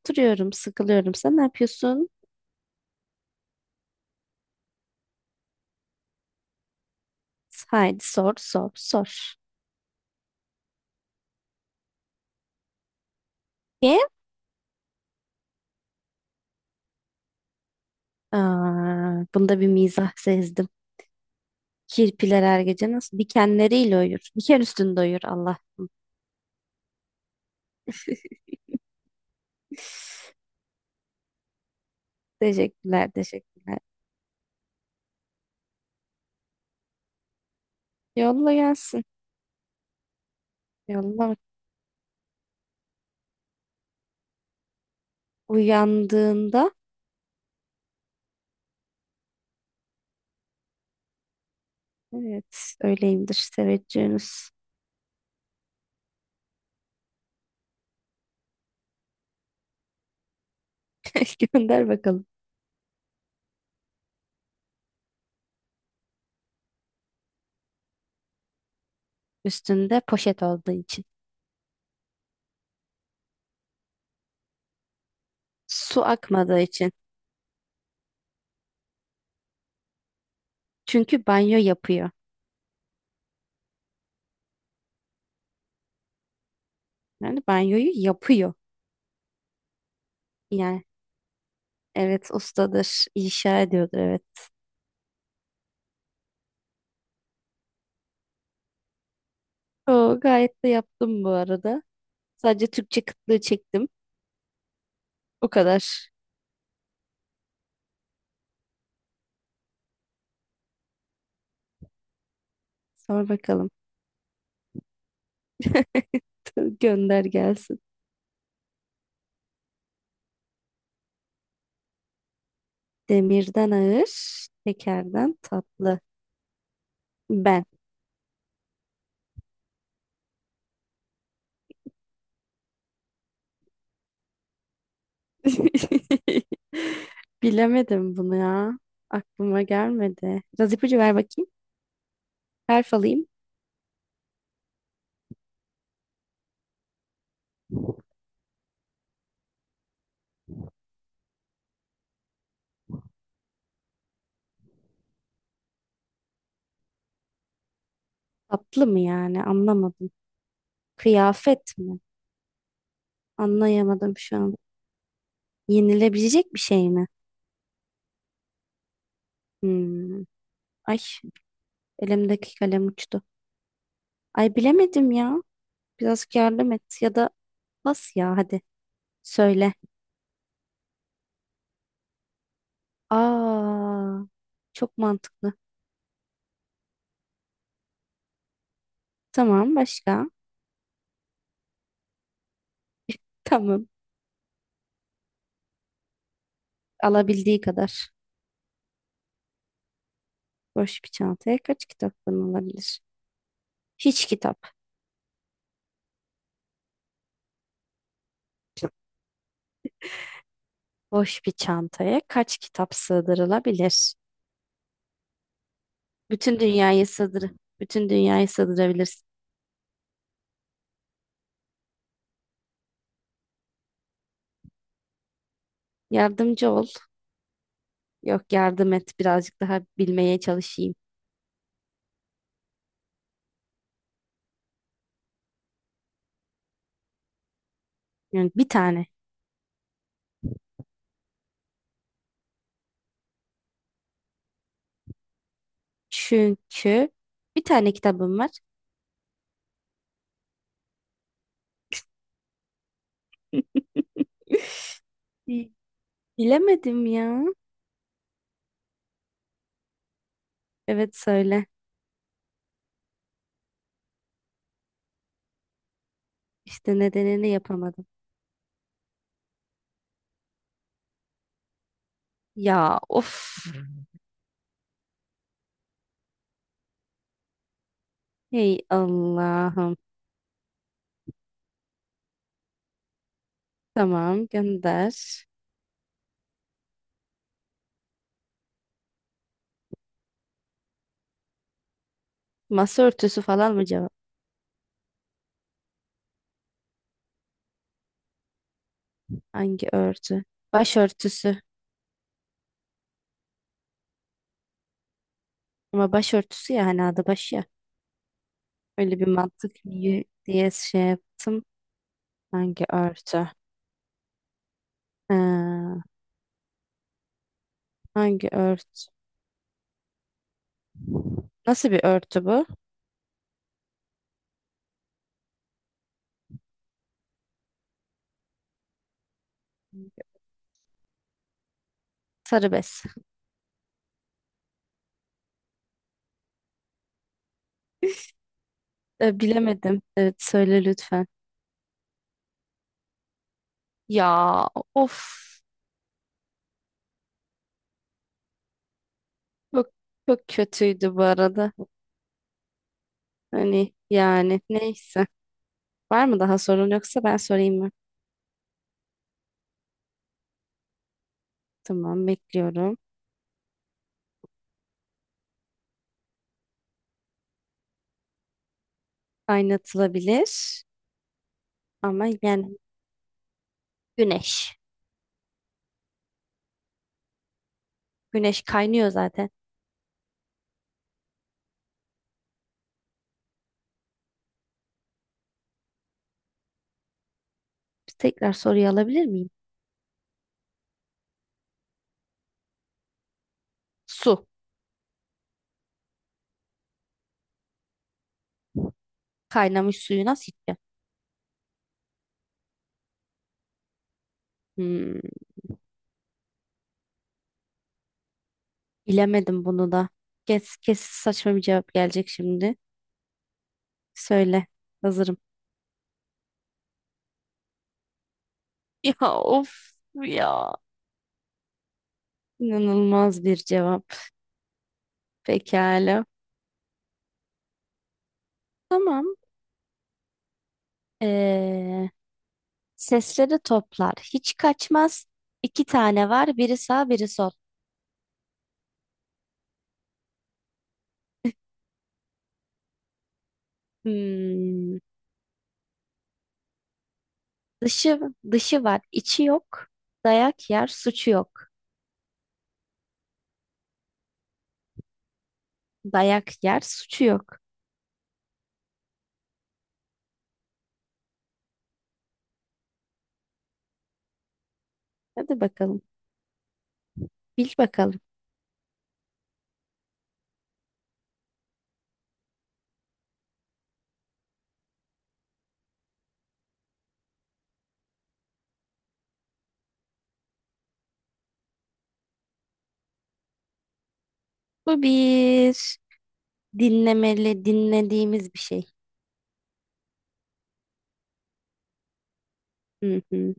Oturuyorum, sıkılıyorum. Sen ne yapıyorsun? Haydi sor, sor, sor. Ye? Aa, bunda bir mizah sezdim. Kirpiler her gece nasıl dikenleriyle uyur. Diken üstünde uyur Allah. Teşekkürler, teşekkürler. Yolla gelsin. Yolla. Uyandığında, evet, öyleyimdir teveccühünüz. Gönder bakalım. Üstünde poşet olduğu için. Su akmadığı için. Çünkü banyo yapıyor. Yani banyoyu yapıyor. Yani. Evet ustadır. İnşa ediyordur evet. O gayet de yaptım bu arada. Sadece Türkçe kıtlığı çektim. O kadar. Sor bakalım. Gönder gelsin. Demirden ağır, tekerden tatlı. Ben. Bilemedim bunu ya. Aklıma gelmedi. Biraz ipucu ver bakayım. Harf alayım. Tatlı mı yani? Anlamadım. Kıyafet mi? Anlayamadım şu an. Yenilebilecek bir şey mi? Hmm. Ay, elimdeki kalem uçtu. Ay bilemedim ya. Biraz yardım et ya da bas ya hadi. Söyle. Aa, çok mantıklı. Tamam başka? Tamam. Alabildiği kadar. Boş bir çantaya kaç kitaptan alabilir? Hiç kitap. Boş bir çantaya kaç kitap sığdırılabilir? Bütün dünyayı sığdır. Bütün dünyayı sığdırabilirsin. Yardımcı ol. Yok yardım et. Birazcık daha bilmeye çalışayım. Yani bir tane. Çünkü bir tane kitabım var. Bi- Bilemedim ya. Evet söyle. İşte nedenini yapamadım. Ya of. Hey Allah'ım. Tamam gönder. Masa örtüsü falan mı cevap? Hangi örtü? Başörtüsü. Ama başörtüsü ya hani adı başı ya. Öyle bir mantık yürü diye şey yaptım. Hangi örtü? Ee, hangi örtü? Nasıl bir örtü bu? Sarı bez. Bilemedim. Evet söyle lütfen. Ya of. Çok, çok kötüydü bu arada. Hani yani neyse. Var mı daha sorun yoksa ben sorayım mı? Tamam bekliyorum. Kaynatılabilir ama yani güneş. Güneş kaynıyor zaten. Bir tekrar soruyu alabilir miyim? Su. Kaynamış suyu nasıl içeceğim? Hmm, bilemedim bunu da. Kes, kes saçma bir cevap gelecek şimdi. Söyle. Hazırım. Ya of ya. İnanılmaz bir cevap. Pekala. Tamam. Ee, sesleri toplar. Hiç kaçmaz. İki tane var. Biri sağ, biri sol. Hmm, dışı dışı var, içi yok. Dayak yer, suçu yok. Dayak yer, suçu yok. Hadi bakalım. Bil bakalım. Bu bir dinlemeli, dinlediğimiz bir şey. Hı hı.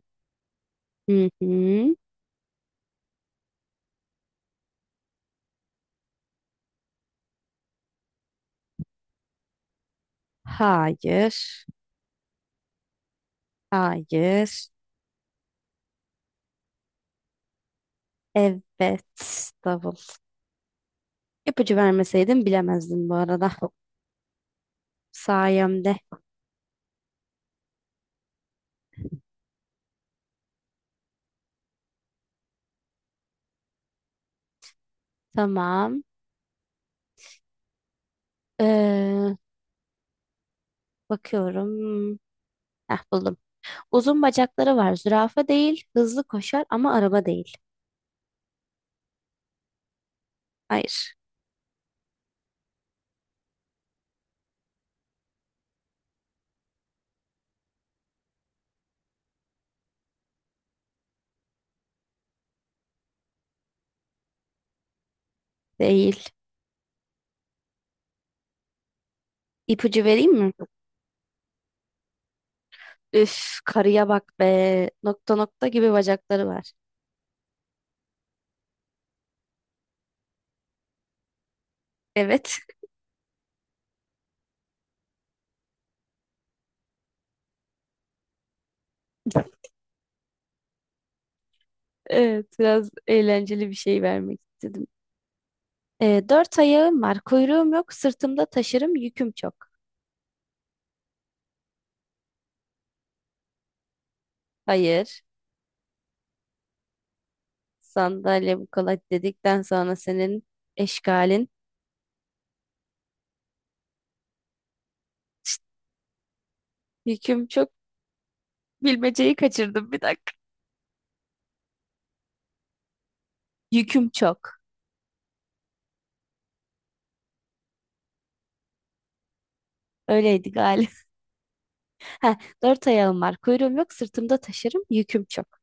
Hı hı. Hayır. Hayır. Evet. Davul. İpucu vermeseydim bilemezdim bu arada. Sayemde. Tamam. Ee, bakıyorum. Heh, buldum. Uzun bacakları var. Zürafa değil. Hızlı koşar ama araba değil. Hayır. Değil. İpucu vereyim mi? Üf, karıya bak be. Nokta nokta gibi bacakları var. Evet. Evet, biraz eğlenceli bir şey vermek istedim. Dört ayağım var, kuyruğum yok, sırtımda taşırım, yüküm çok. Hayır, sandalye bu kolay dedikten sonra senin eşkalin. Yüküm çok, bilmeceyi kaçırdım bir dakika. Yüküm çok. Öyleydi galiba. Heh, dört ayağım var. Kuyruğum yok. Sırtımda taşırım. Yüküm çok.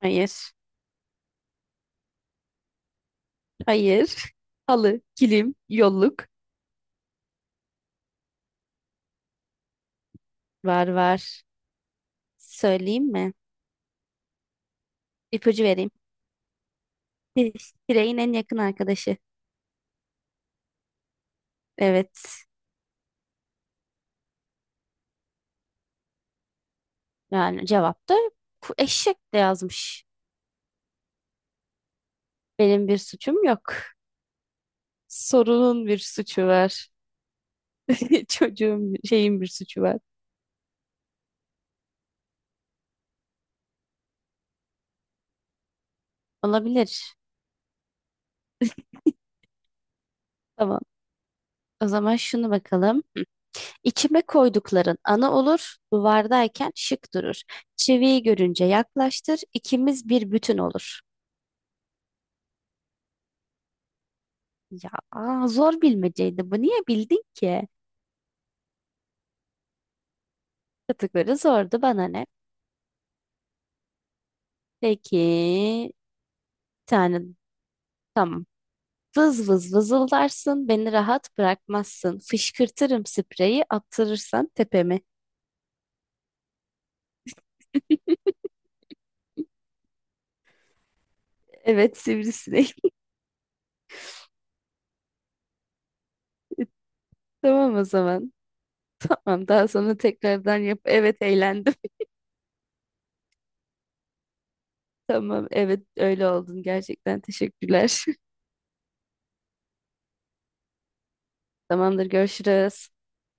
Hayır. Hayır. Halı, kilim, yolluk. Var var. Söyleyeyim mi? İpucu vereyim. Pireyin en yakın arkadaşı. Evet. Yani cevap da eşek de yazmış. Benim bir suçum yok. Sorunun bir suçu var. Çocuğun şeyin bir suçu var. Olabilir. Tamam. O zaman şunu bakalım. İçime koydukların ana olur, duvardayken şık durur. Çiviyi görünce yaklaştır, ikimiz bir bütün olur. Ya aa, zor bilmeceydi bu. Niye bildin ki? Kategori zordu bana ne? Peki, bir tane tamam. Vız vız vızıldarsın, beni rahat bırakmazsın. Fışkırtırım spreyi, attırırsan tepemi. Evet, sivrisinek. Tamam o zaman. Tamam, daha sonra tekrardan yap. Evet, eğlendim. Tamam, evet öyle oldun gerçekten. Teşekkürler. Tamamdır, görüşürüz.